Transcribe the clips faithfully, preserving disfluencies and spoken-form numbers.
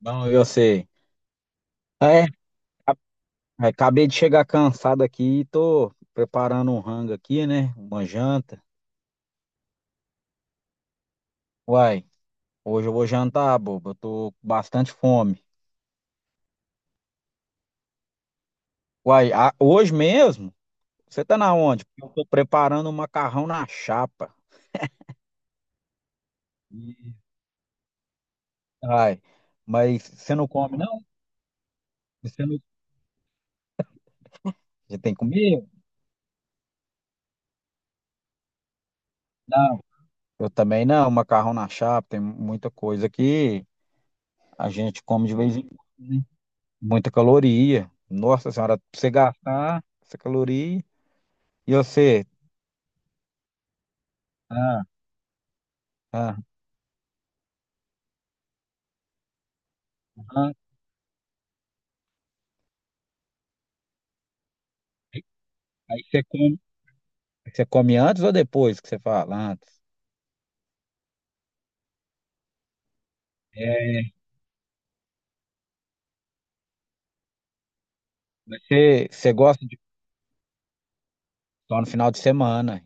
Bom, eu sei. É, acabei de chegar cansado aqui e tô preparando um rango aqui, né? Uma janta. Uai, hoje eu vou jantar, bobo. Eu tô com bastante fome. Uai, a- hoje mesmo? Você tá na onde? Porque eu tô preparando um macarrão na chapa. Ih, ai, mas você não come, não? Você não... Você tem comigo? Não. Eu também não. Macarrão na chapa, tem muita coisa que a gente come de vez em quando, né? Muita caloria. Nossa senhora, pra você gastar essa caloria. E você? Ah, ah, ah. Aí aí você come, você come antes ou depois que você fala? Antes. É, você, você gosta de só no final de semana.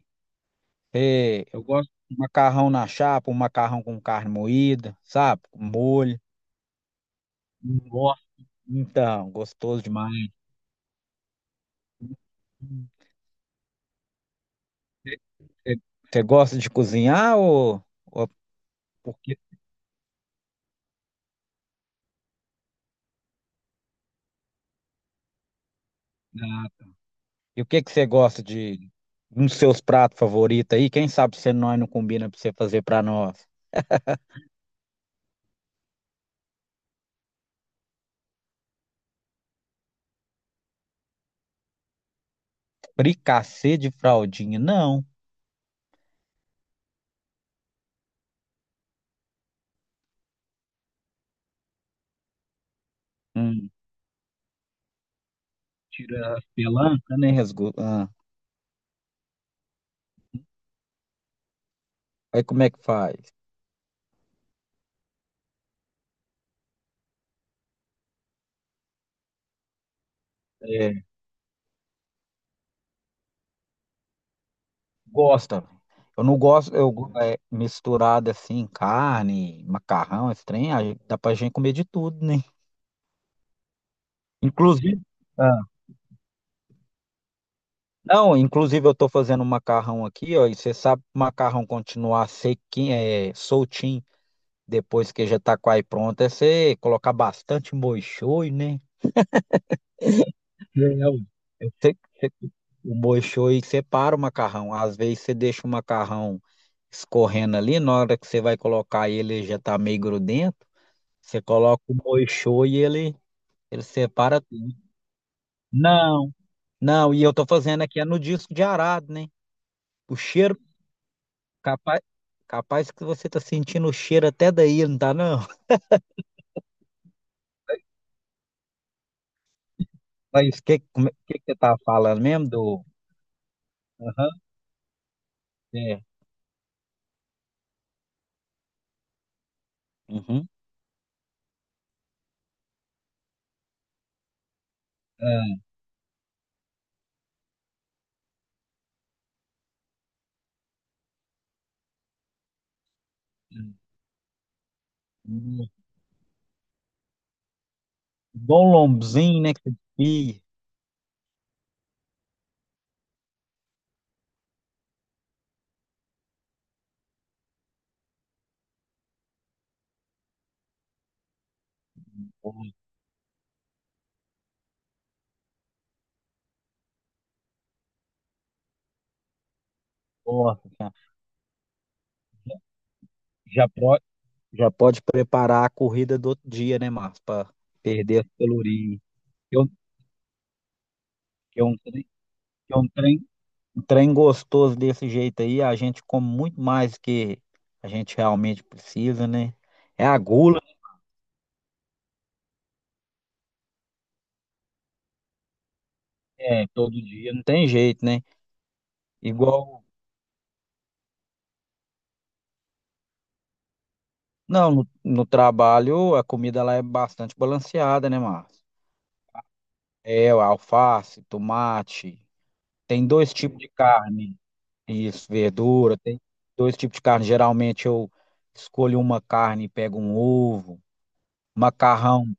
Você, eu gosto de macarrão na chapa, um macarrão com carne moída, sabe? Com molho. Nossa. Então, gostoso demais. Você, você- você gosta de cozinhar ou, ou porque? E o que que você gosta de nos seus pratos favoritos aí? Quem sabe se nós não combina pra você fazer pra nós? Fricassê de fraldinha, não. Hum, tira a pelanca, né? Resgo... Ah, aí como é que faz? É, gosta. Eu não gosto, eu go- é, misturado assim, carne, macarrão, esse trem, aí dá pra gente comer de tudo, né? Inclusive, ah, não, inclusive eu tô fazendo um macarrão aqui, ó, e você sabe que o macarrão continuar sequinho, é, soltinho. Depois que já tá quase pronto, é você colocar bastante molho shoyu, né? É, ué. Eu sei que você- o molho shoyu separa o macarrão. Às vezes você deixa o macarrão escorrendo ali, na hora que você vai colocar ele, ele já tá meio grudento. Você coloca o molho shoyu e ele, ele separa tudo. Não, não, e eu tô fazendo aqui é no disco de arado, né? O cheiro, capaz, capaz que você tá sentindo o cheiro até daí, não tá não? Mas o que, como é- que, que você tá falando mesmo do... Aham, é. Uhum. Ah, hum, igual um lombzinho, né? Que você desfia. Nossa, nossa, cara. já pode, já pode preparar a corrida do outro dia, né, Márcio? Para perder as calorias. Que é um, que é um, trem, que é um trem, um trem gostoso desse jeito aí, a gente come muito mais que a gente realmente precisa, né? É a gula, né? É, todo dia, não tem jeito, né? Igual. Não, no, no trabalho a comida lá é bastante balanceada, né, Márcio? É, o alface, tomate. Tem dois tipos de carne. Isso, verdura. Tem dois tipos de carne. Geralmente eu escolho uma carne e pego um ovo. Macarrão, de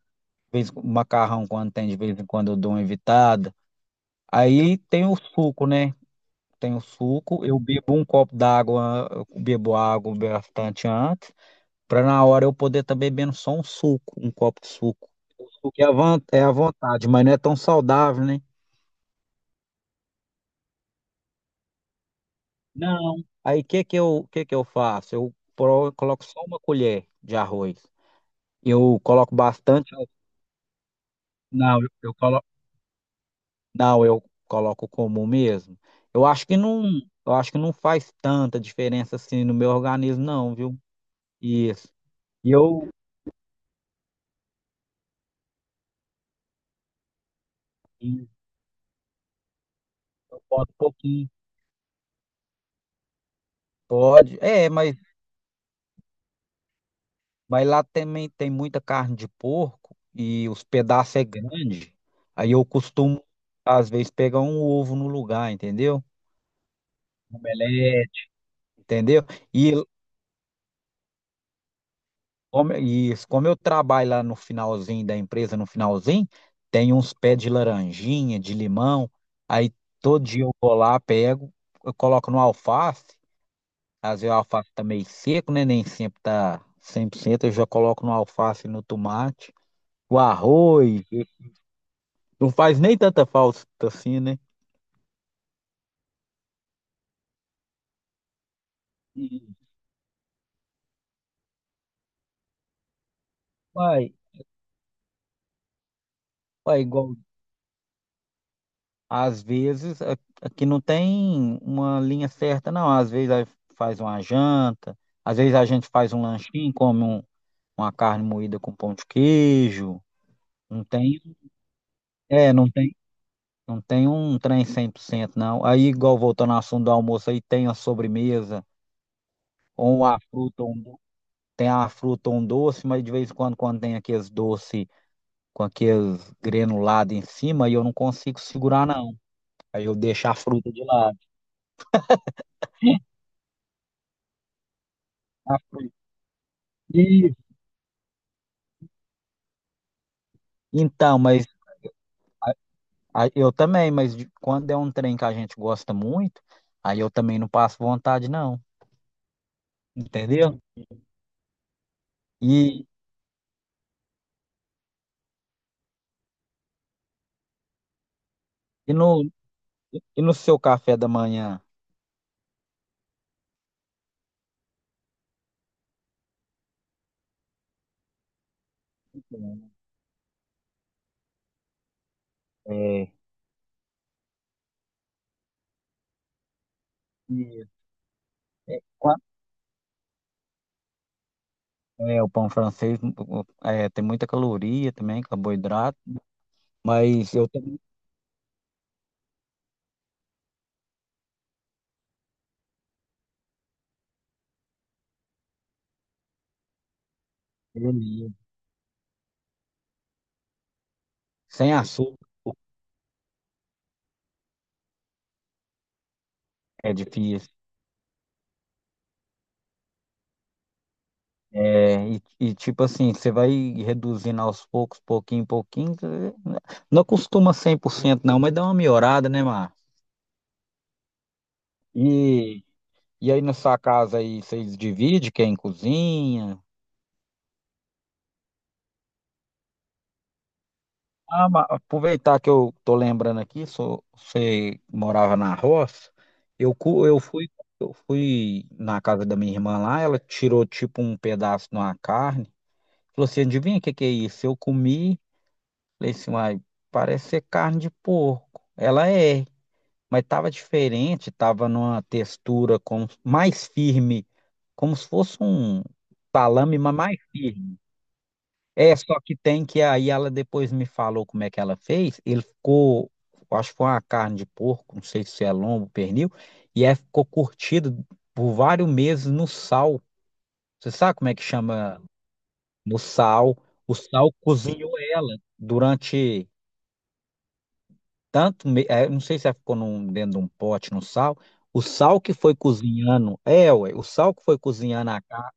vez- macarrão quando tem, de vez em quando eu dou uma evitada. Aí tem o suco, né? Tem o suco. Eu bebo um copo d'água, eu bebo água bastante antes, para na hora eu poder estar bebendo só um suco, um copo de suco. O suco é à von- é à vontade, mas não é tão saudável, né? Não. Aí o que que eu, que que eu faço? Eu pro- coloco só uma colher de arroz. Eu coloco bastante. Não, eu, eu coloco. Não, eu coloco comum mesmo. Eu acho que não, eu acho que não faz tanta diferença assim no meu organismo, não, viu? Isso. E eu, e eu boto um pouquinho. Pode. É, mas, mas lá também tem muita carne de porco e os pedaços é grande. Aí eu costumo, às vezes, pegar um ovo no lugar, entendeu? Entendeu? E como, e como eu trabalho lá no finalzinho da empresa, no finalzinho, tem uns pés de laranjinha, de limão, aí todo dia eu vou lá, pego, eu coloco no alface, às vezes o alface tá meio seco, né? Nem sempre tá cem por cento, eu já coloco no alface e no tomate, o arroz, não faz nem tanta falta assim, né? E vai, vai igual. Às vezes, a- aqui não tem uma linha certa, não. Às vezes aí faz uma janta, às vezes a gente faz um lanchinho, come um- uma carne moída com pão de queijo. Não tem, é, não tem, não tem um trem cem por cento não. Aí, igual voltando ao assunto do almoço, aí tem a sobremesa, ou uma fruta, ou um, do- tem a fruta ou um doce, mas de vez em quando, quando tem aqueles doces com aqueles granulados em cima, aí eu não consigo segurar, não. Aí eu deixo a fruta de lado. A fruta. Então, mas a- eu também, mas de- quando é um trem que a gente gosta muito, aí eu também não passo vontade, não, entendeu? E, e, no, e no seu café da manhã? É, e- é, qua- é, o pão francês o- é, tem muita caloria também, carboidrato, mas eu também ele, sem açúcar é difícil. É, e, e tipo assim, você vai reduzindo aos poucos, pouquinho, pouquinho, eh, não costuma cento não, mas dá uma melhorada, né, Márcio? E, e aí na sua casa aí vocês dividem quem cozinha? Ah, ma- aproveitar que eu tô lembrando aqui, sou, você morava na roça. Eu, cu- eu fui eu fui na casa da minha irmã lá, ela tirou tipo um pedaço de uma carne. Falou assim, adivinha o que que é isso? Eu comi, falei assim, uai, parece ser carne de porco. Ela é, mas tava diferente, tava numa textura como, mais firme, como se fosse um salame, mas mais firme. É, só que tem que aí ela depois me falou como é que ela fez. Ele ficou, eu acho que foi uma carne de porco, não sei se é lombo, pernil, e aí ficou curtido por vários meses no sal. Você sabe como é que chama no sal? O sal cozinhou ela durante tanto, me- é, não sei se ela ficou num- dentro de um pote no sal. O sal que foi cozinhando, é, ué, o sal que foi cozinhando a, carne.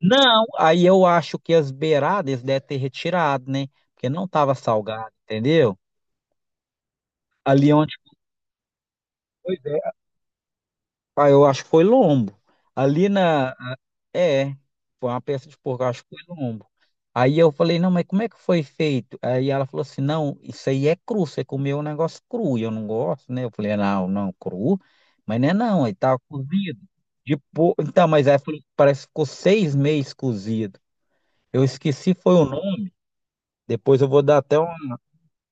Não, aí eu acho que as beiradas devem ter retirado, né? Porque não estava salgado, entendeu? Ali onde foi, é, ah, eu acho que foi lombo. Ali na, a- é, foi uma peça de porco, eu acho que foi lombo. Aí eu falei, não, mas como é que foi feito? Aí ela falou assim, não, isso aí é cru, você comeu um negócio cru, e eu não gosto, né? Eu falei, não, não, cru, mas não é não, aí tava cozido. De po- Então, mas aí falou, parece que ficou seis meses cozido. Eu esqueci foi o nome, depois eu vou dar até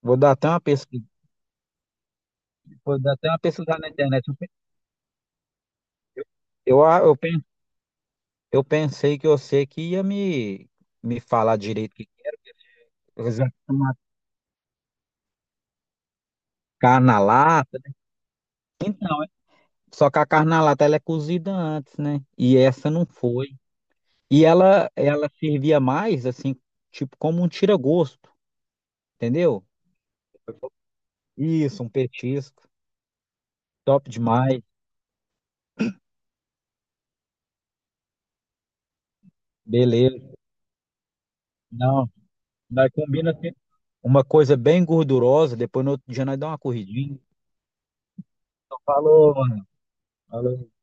vou dar até uma pesquisa, vou dar até uma pesquisada na internet. Eu, pe- eu, a- eu, pen- eu pensei que você que ia me, me falar direito que eles acham uma carne na lata, né? Então, é- só que a carne na lata ela é cozida antes, né? E essa não foi. E ela ela servia mais assim, tipo como um tira-gosto, entendeu? Isso, um petisco. Top demais. Beleza. Não, nós combina assim, uma coisa bem gordurosa, depois no outro dia nós dá uma corridinha. Então, falou, mano. Falou.